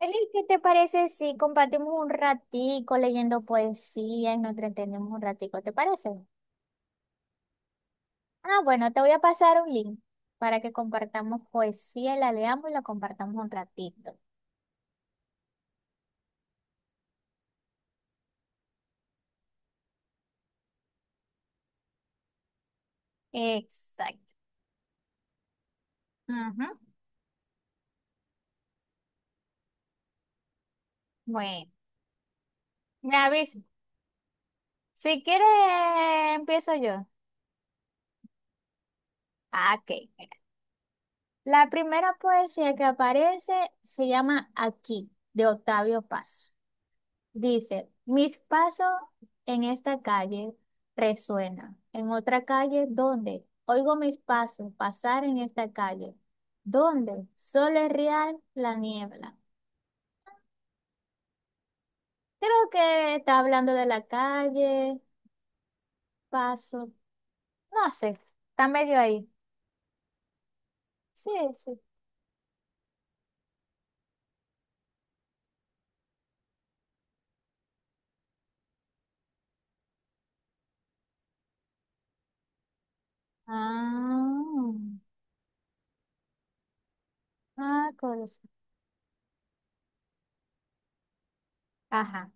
Eli, ¿qué te parece si compartimos un ratico leyendo poesía y nos entretenemos un ratico? ¿Te parece? Ah, bueno, te voy a pasar un link para que compartamos poesía, y la leamos y la compartamos un ratito. Exacto. Ujú. Bueno, me aviso. Si quieres, empiezo yo. Ah, ok, mira. La primera poesía que aparece se llama Aquí, de Octavio Paz. Dice, mis pasos en esta calle resuenan, en otra calle, ¿dónde? Oigo mis pasos pasar en esta calle, ¿dónde? Sole real la niebla. Creo que está hablando de la calle, paso, no sé, está medio ahí. Sí, sí. Ah, ah, cosa. Ajá,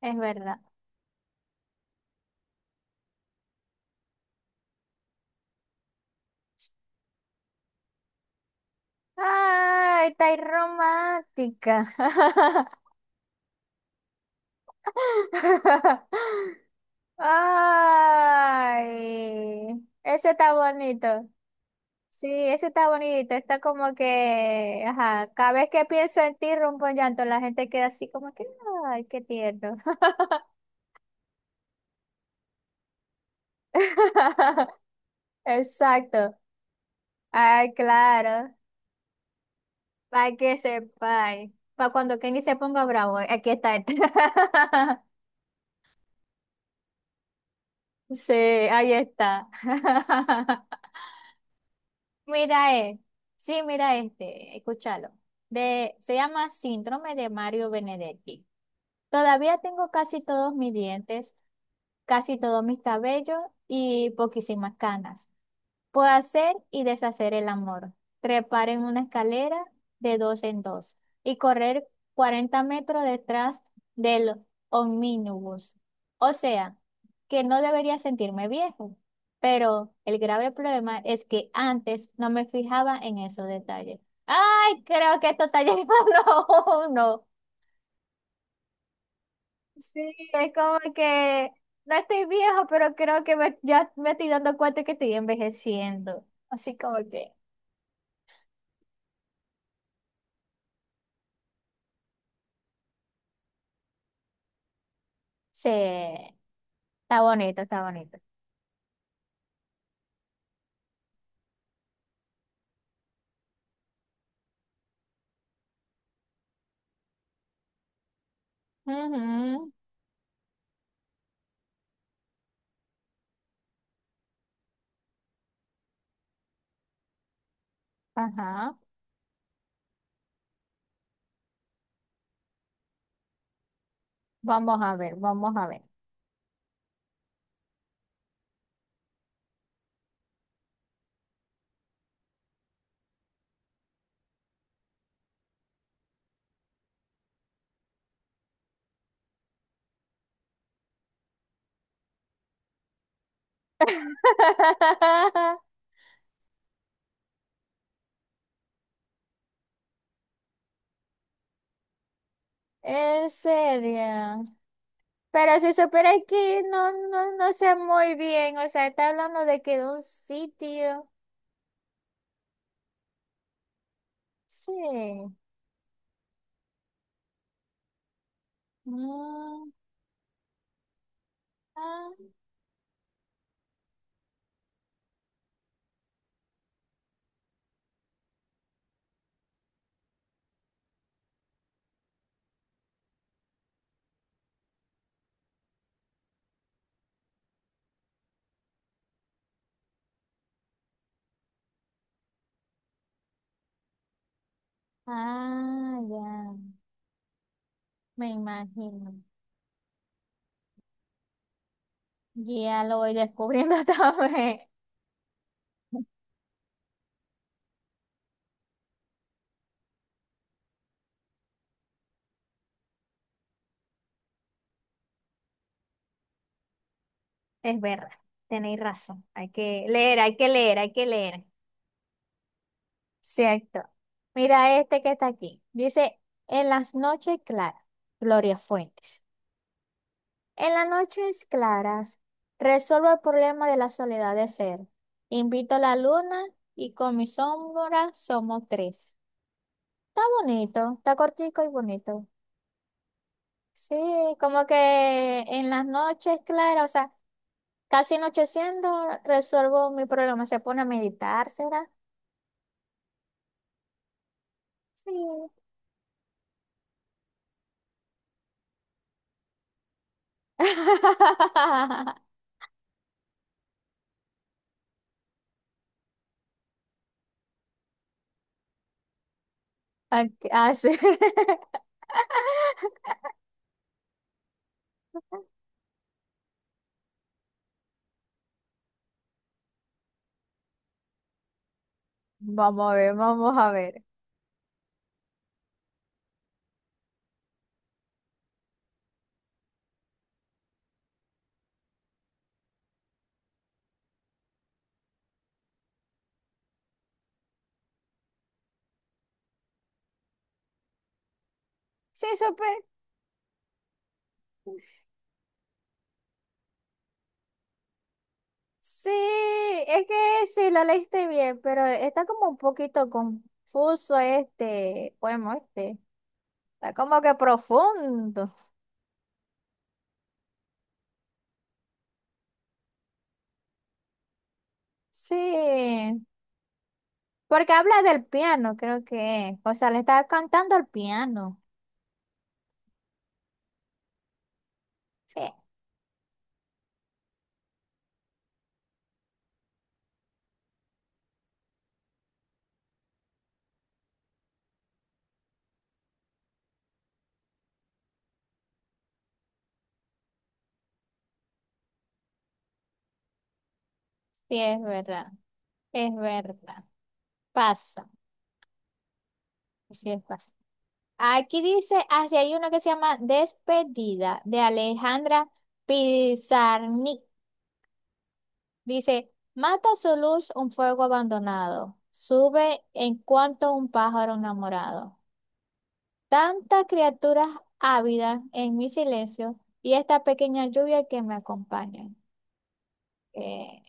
es verdad. Ay, está ahí romántica. Ay, eso está bonito. Sí, eso está bonito. Está como que, ajá, cada vez que pienso en ti, rompo en llanto. La gente queda así como que, ay, qué tierno. Exacto. Ay, claro. Para que sepáis. Para cuando Kenny se ponga bravo, aquí está este. Sí, ahí está. Mira, sí, mira este, escúchalo. De, se llama Síndrome de Mario Benedetti. Todavía tengo casi todos mis dientes, casi todos mis cabellos y poquísimas canas. Puedo hacer y deshacer el amor, trepar en una escalera de dos en dos y correr 40 metros detrás del omnibus. O sea, que no debería sentirme viejo, pero el grave problema es que antes no me fijaba en esos detalles. Ay, creo que esto está llegando a uno. Sí, es como que no estoy viejo, pero creo que ya me estoy dando cuenta que estoy envejeciendo. Así como que... Sí, está bonito, está bonito. Ujú, ajá. Vamos a ver, vamos a ver. En serio. Pero si supera que no, no, no sé muy bien. O sea, está hablando de que de un sitio. Sí. Mm, ah, ah, ya. Me imagino. Ya lo voy descubriendo también. Es verdad. Tenéis razón. Hay que leer, hay que leer, hay que leer. Cierto. Mira este que está aquí. Dice, en las noches claras, Gloria Fuentes. En las noches claras, resuelvo el problema de la soledad de ser. Invito a la luna y con mi sombra somos tres. Está bonito, está cortico y bonito. Sí, como que en las noches claras, o sea, casi anocheciendo, resuelvo mi problema. Se pone a meditar, ¿será? Sí. Ah, ah, sí. Vamos a ver, vamos a ver. Sí, súper. Sí, es que sí, lo leíste bien, pero está como un poquito confuso este poema, este. Está como que profundo. Sí, porque habla del piano, creo que es. O sea, le está cantando al piano. Sí, sí, es verdad. Es verdad. Pasa. Sí, es Aquí dice, así hay una que se llama Despedida de Alejandra Pizarnik. Dice, mata su luz un fuego abandonado, sube en cuanto un pájaro enamorado. Tantas criaturas ávidas en mi silencio y esta pequeña lluvia que me acompaña. Eh,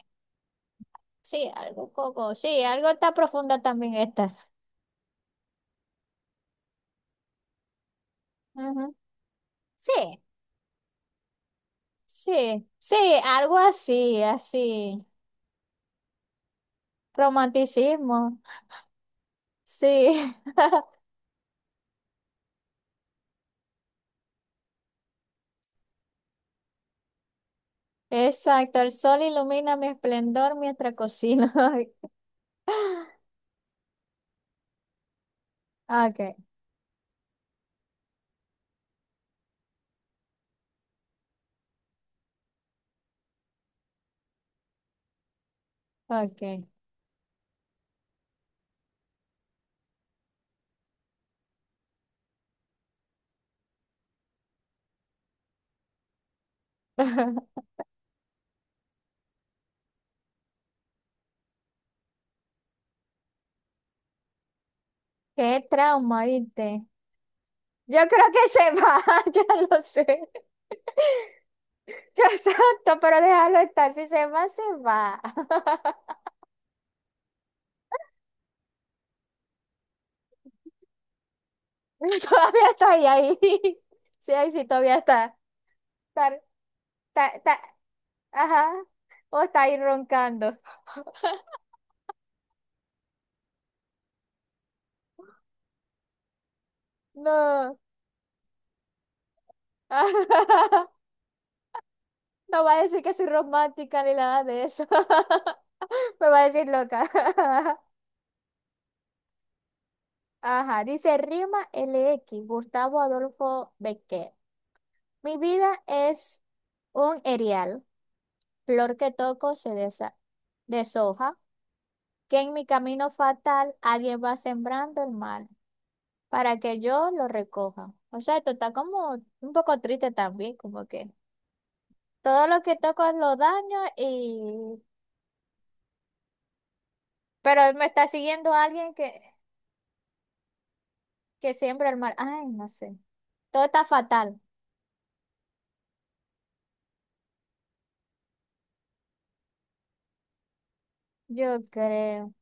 sí, algo como, sí, algo está profunda también esta. Ujú. Sí, sí, sí, algo así, así. Romanticismo, sí. Exacto, el sol ilumina mi esplendor mientras cocino. Ok, ok. Qué trauma, ¿viste? Yo creo que se va, ya lo sé. Yo santo, pero déjalo estar. Si se va, se va. Todavía está ahí, ahí. Sí, ahí sí, todavía está. Está, está- Ajá. O está ahí roncando. No. No va a decir que soy romántica ni nada de eso. Me va a decir loca. Ajá, dice Rima l x Gustavo Adolfo Becker. Mi vida es un erial, flor que toco deshoja, que en mi camino fatal alguien va sembrando el mal para que yo lo recoja. O sea, esto está como un poco triste también, como que todo lo que toco lo daño y... Pero me está siguiendo alguien que siembra el mal. Ay, no sé. Todo está fatal, yo creo.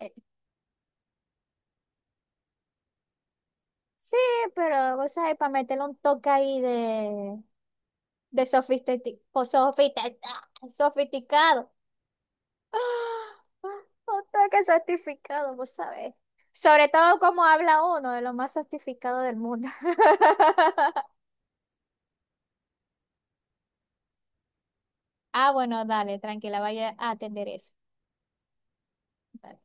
Eh, Sí, pero, o sea, para meterle un toque ahí de sofisticado. Sofisticado. ¡Ah! Un toque sofisticado, vos sabés. Sobre todo como habla uno de los más sofisticados del mundo. Ah, bueno, dale, tranquila, vaya a atender eso. Dale.